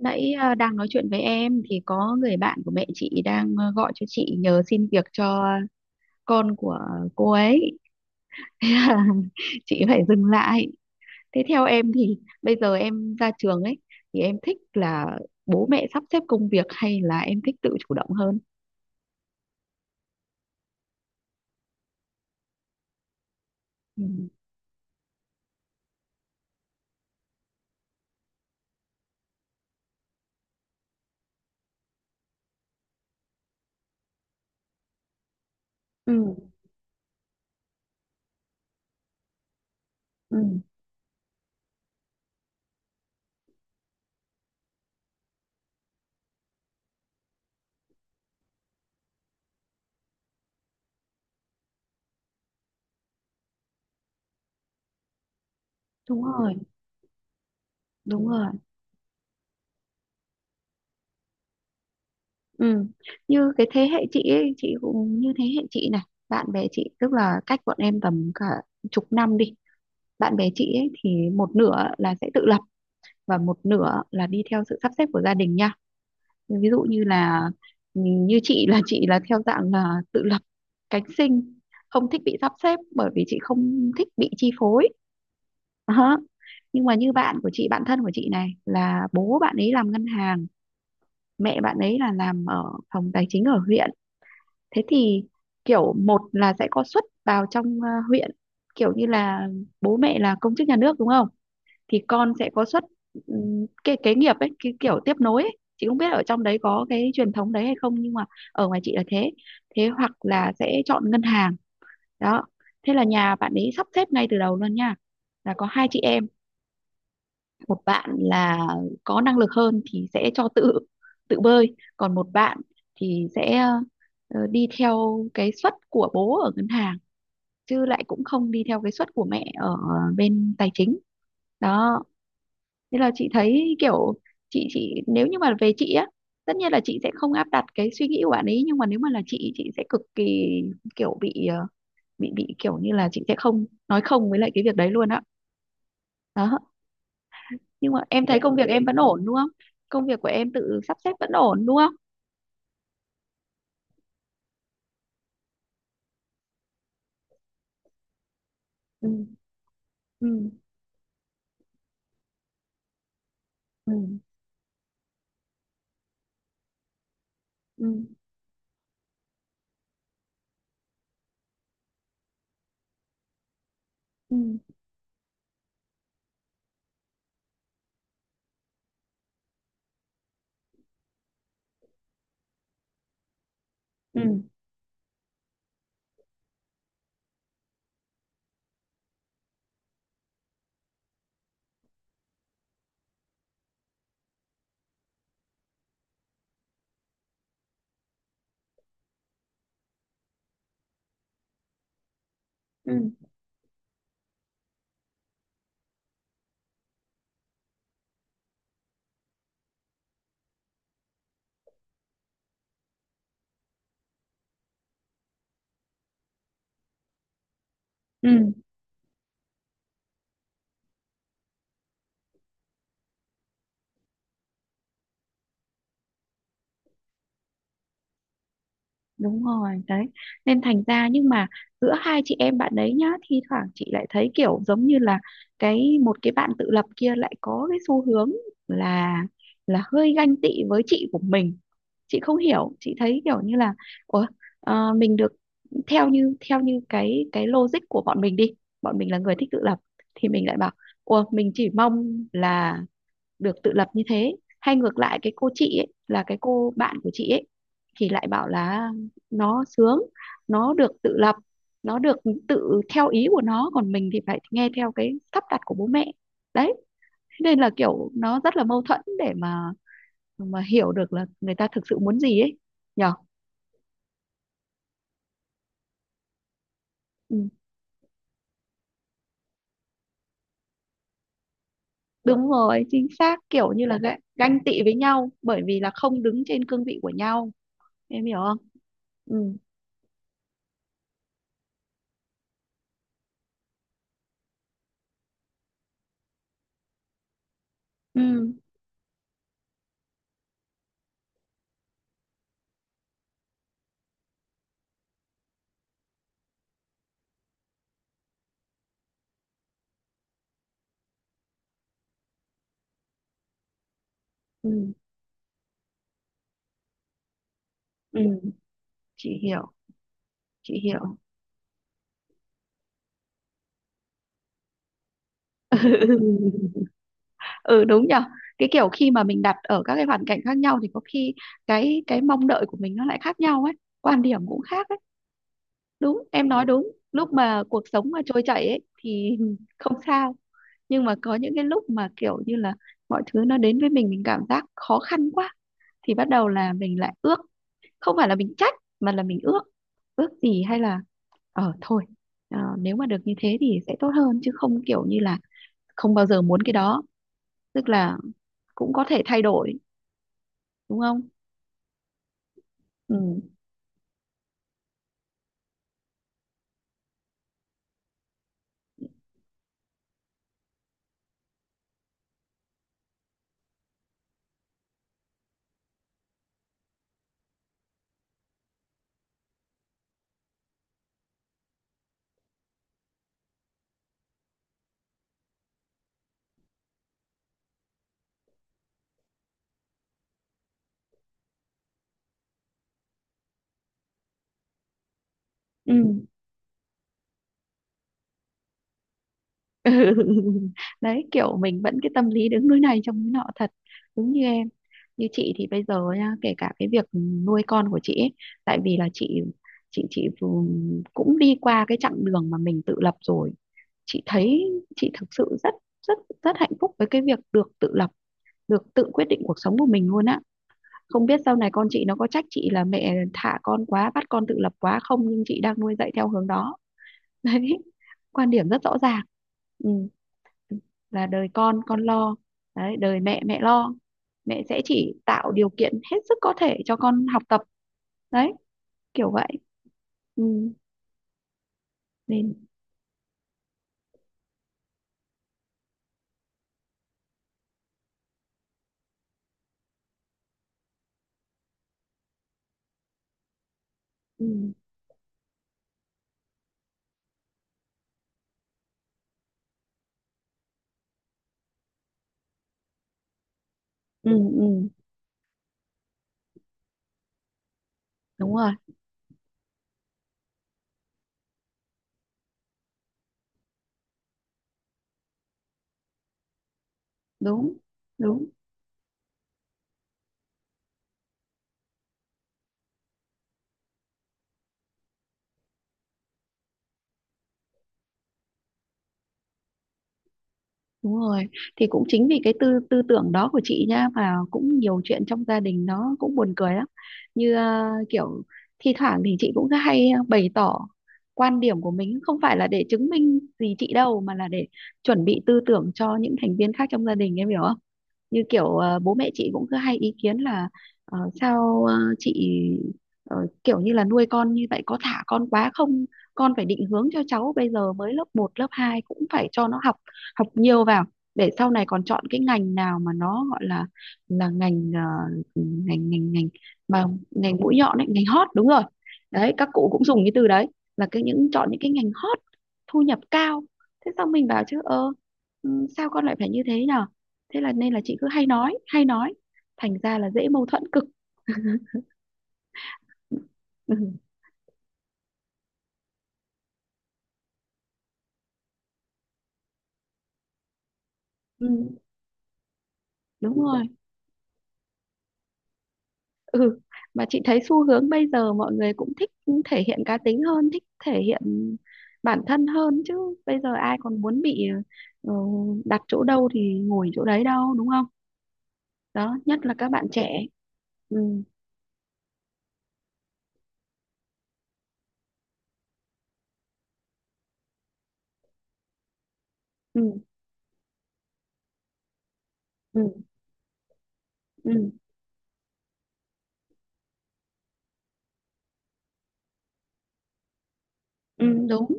Nãy đang nói chuyện với em thì có người bạn của mẹ chị đang gọi cho chị nhờ xin việc cho con của cô ấy. Thế là chị phải dừng lại. Thế theo em thì bây giờ em ra trường ấy thì em thích là bố mẹ sắp xếp công việc hay là em thích tự chủ động hơn? Ừ. Ừ, ừ, đúng rồi, đúng rồi, ừ, như cái thế hệ chị ấy, chị cũng như thế hệ chị này, bạn bè chị, tức là cách bọn em tầm cả chục năm đi, bạn bè chị ấy thì một nửa là sẽ tự lập và một nửa là đi theo sự sắp xếp của gia đình nha. Ví dụ như là ừ, như chị là theo dạng là tự lập cánh sinh, không thích bị sắp xếp bởi vì chị không thích bị chi phối. Đó. Nhưng mà như bạn của chị, bạn thân của chị này, là bố bạn ấy làm ngân hàng, mẹ bạn ấy là làm ở phòng tài chính ở huyện. Thế thì kiểu một là sẽ có suất vào trong huyện, kiểu như là bố mẹ là công chức nhà nước đúng không, thì con sẽ có xuất, cái kế nghiệp ấy, cái kiểu tiếp nối ấy. Chị không biết ở trong đấy có cái truyền thống đấy hay không, nhưng mà ở ngoài chị là thế. Thế hoặc là sẽ chọn ngân hàng. Đó, thế là nhà bạn ấy sắp xếp ngay từ đầu luôn nha, là có hai chị em, một bạn là có năng lực hơn thì sẽ cho tự tự bơi, còn một bạn thì sẽ đi theo cái suất của bố ở ngân hàng, chứ lại cũng không đi theo cái suất của mẹ ở bên tài chính. Đó, nên là chị thấy kiểu chị nếu như mà về chị á, tất nhiên là chị sẽ không áp đặt cái suy nghĩ của bạn ấy, nhưng mà nếu mà là chị sẽ cực kỳ kiểu bị bị kiểu như là chị sẽ không nói không với lại cái việc đấy luôn á. Đó. Nhưng mà em thấy công việc em vẫn ổn đúng không, công việc của em tự sắp xếp vẫn ổn đúng không? Ừ, ừ, ừ, ừ, ừ, ừ, ừ, ừ, đúng rồi đấy, nên thành ra nhưng mà giữa hai chị em bạn đấy nhá, thi thoảng chị lại thấy kiểu giống như là cái một cái bạn tự lập kia lại có cái xu hướng là là hơi ganh tị với chị của mình. Chị không hiểu, chị thấy kiểu như là ủa, mình được theo như cái logic của bọn mình đi, bọn mình là người thích tự lập thì mình lại bảo ủa, mình chỉ mong là được tự lập như thế. Hay ngược lại cái cô chị ấy, là cái cô bạn của chị ấy thì lại bảo là nó sướng, nó được tự lập, nó được tự theo ý của nó, còn mình thì phải nghe theo cái sắp đặt của bố mẹ. Đấy, thế nên là kiểu nó rất là mâu thuẫn để mà hiểu được là người ta thực sự muốn gì ấy, nhở. Ừ, đúng rồi, chính xác, kiểu như là ganh ganh tị với nhau bởi vì là không đứng trên cương vị của nhau. Em hiểu không? Ừ, ừ, ừ, ừ. Chị hiểu, chị hiểu. Ừ. Ừ, đúng nhở, cái kiểu khi mà mình đặt ở các cái hoàn cảnh khác nhau thì có khi cái mong đợi của mình nó lại khác nhau ấy, quan điểm cũng khác ấy. Đúng, em nói đúng, lúc mà cuộc sống mà trôi chảy ấy thì không sao. Nhưng mà có những cái lúc mà kiểu như là mọi thứ nó đến với mình cảm giác khó khăn quá, thì bắt đầu là mình lại ước, không phải là mình trách mà là mình ước, ước gì hay là ờ thôi, nếu mà được như thế thì sẽ tốt hơn, chứ không kiểu như là không bao giờ muốn cái đó. Tức là cũng có thể thay đổi, đúng không? Ừ, ừ. Đấy, kiểu mình vẫn cái tâm lý đứng núi này trông núi nọ thật, đúng như em. Như chị thì bây giờ nha, kể cả cái việc nuôi con của chị ấy, tại vì là chị chị vừa- cũng đi qua cái chặng đường mà mình tự lập rồi, chị thấy chị thực sự rất rất rất hạnh phúc với cái việc được tự lập, được tự quyết định cuộc sống của mình luôn á. Không biết sau này con chị nó có trách chị là mẹ thả con quá, bắt con tự lập quá không, nhưng chị đang nuôi dạy theo hướng đó. Đấy, quan điểm rất rõ ràng. Ừ. Là đời con lo, đấy, đời mẹ mẹ lo, mẹ sẽ chỉ tạo điều kiện hết sức có thể cho con học tập. Đấy, kiểu vậy. Ừ. Nên ừ. Ừ. Ừ. Đúng rồi, đúng, đúng. Đúng rồi, thì cũng chính vì cái tư tư tưởng đó của chị nha mà cũng nhiều chuyện trong gia đình nó cũng buồn cười lắm. Như à, kiểu thi thoảng thì chị cũng hay bày tỏ quan điểm của mình, không phải là để chứng minh gì chị đâu, mà là để chuẩn bị tư tưởng cho những thành viên khác trong gia đình, em hiểu không? Như kiểu bố mẹ chị cũng cứ hay ý kiến là sao chị ờ, kiểu như là nuôi con như vậy có thả con quá không, con phải định hướng cho cháu bây giờ mới lớp một lớp 2 cũng phải cho nó học, học nhiều vào để sau này còn chọn cái ngành nào mà nó gọi là ngành ngành mà ngành mũi nhọn ấy, ngành hot, đúng rồi đấy, các cụ cũng dùng cái từ đấy, là cái những chọn những cái ngành hot thu nhập cao. Thế xong mình bảo chứ ơ, ừ, sao con lại phải như thế nhở. Thế là nên là chị cứ hay nói hay nói, thành ra là dễ mâu thuẫn cực. Ừ, ừ, đúng rồi. Ừ, mà chị thấy xu hướng bây giờ mọi người cũng thích thể hiện cá tính hơn, thích thể hiện bản thân hơn chứ. Bây giờ ai còn muốn bị ờ, đặt chỗ đâu thì ngồi chỗ đấy đâu, đúng không? Đó, nhất là các bạn trẻ. Ừ, ừ, ừ, ừ, ừ, đúng,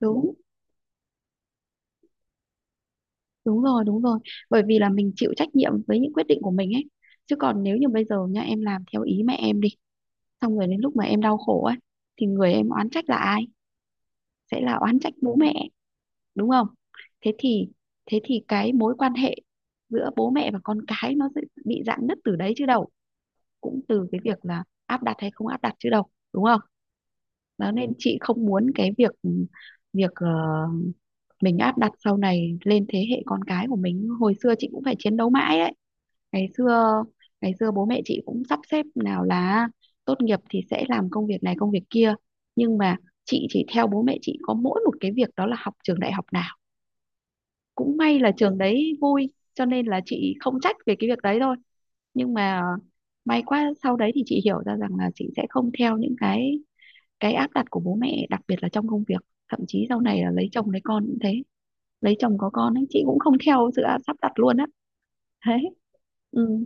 đúng, đúng rồi, đúng rồi, bởi vì là mình chịu trách nhiệm với những quyết định của mình ấy. Chứ còn nếu như bây giờ nha, em làm theo ý mẹ em đi, xong rồi đến lúc mà em đau khổ ấy, thì người em oán trách là ai, sẽ là oán trách bố mẹ, đúng không? Thế thì thế thì cái mối quan hệ giữa bố mẹ và con cái nó sẽ bị rạn nứt từ đấy chứ đâu, cũng từ cái việc là áp đặt hay không áp đặt chứ đâu, đúng không? Đó, nên chị không muốn cái việc việc mình áp đặt sau này lên thế hệ con cái của mình. Hồi xưa chị cũng phải chiến đấu mãi đấy. Ngày xưa, ngày xưa bố mẹ chị cũng sắp xếp nào là tốt nghiệp thì sẽ làm công việc này công việc kia, nhưng mà chị chỉ theo bố mẹ chị có mỗi một cái việc đó là học trường đại học nào, cũng may là trường đấy vui cho nên là chị không trách về cái việc đấy thôi. Nhưng mà may quá sau đấy thì chị hiểu ra rằng là chị sẽ không theo những cái áp đặt của bố mẹ, đặc biệt là trong công việc. Thậm chí sau này là lấy chồng lấy con cũng thế, lấy chồng có con ấy, chị cũng không theo sự sắp đặt luôn á. Thế. Ừ,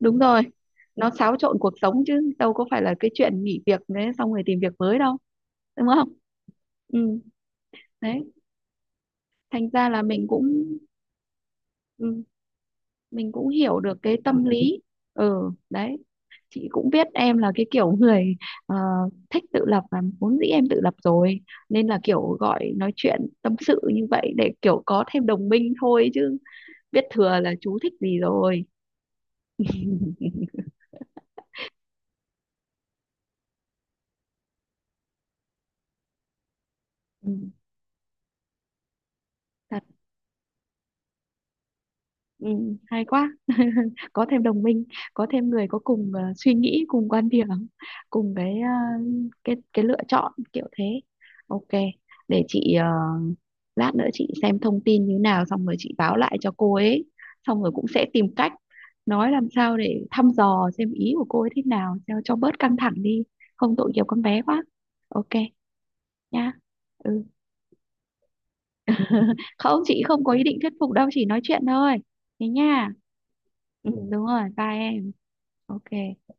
đúng rồi, nó xáo trộn cuộc sống chứ đâu có phải là cái chuyện nghỉ việc đấy xong rồi tìm việc mới đâu, đúng không? Ừ, đấy, thành ra là mình cũng ừ, mình cũng hiểu được cái tâm lý. Ừ, đấy, chị cũng biết em là cái kiểu người ờ, thích tự lập và vốn dĩ em tự lập rồi, nên là kiểu gọi nói chuyện tâm sự như vậy để kiểu có thêm đồng minh thôi, chứ biết thừa là chú thích gì rồi. Ừ. Thật. Ừ, hay quá, có thêm đồng minh, có thêm người có cùng suy nghĩ, cùng quan điểm, cùng cái cái lựa chọn kiểu thế. Ok, để chị lát nữa chị xem thông tin như nào xong rồi chị báo lại cho cô ấy, xong rồi cũng sẽ tìm cách nói làm sao để thăm dò xem ý của cô ấy thế nào cho bớt căng thẳng đi, không tội nghiệp con bé quá. Ok, nha. Ừ. Không, chị không có ý định thuyết phục đâu, chỉ nói chuyện thôi. Thế nha. Ừ, đúng rồi, bye em. Ok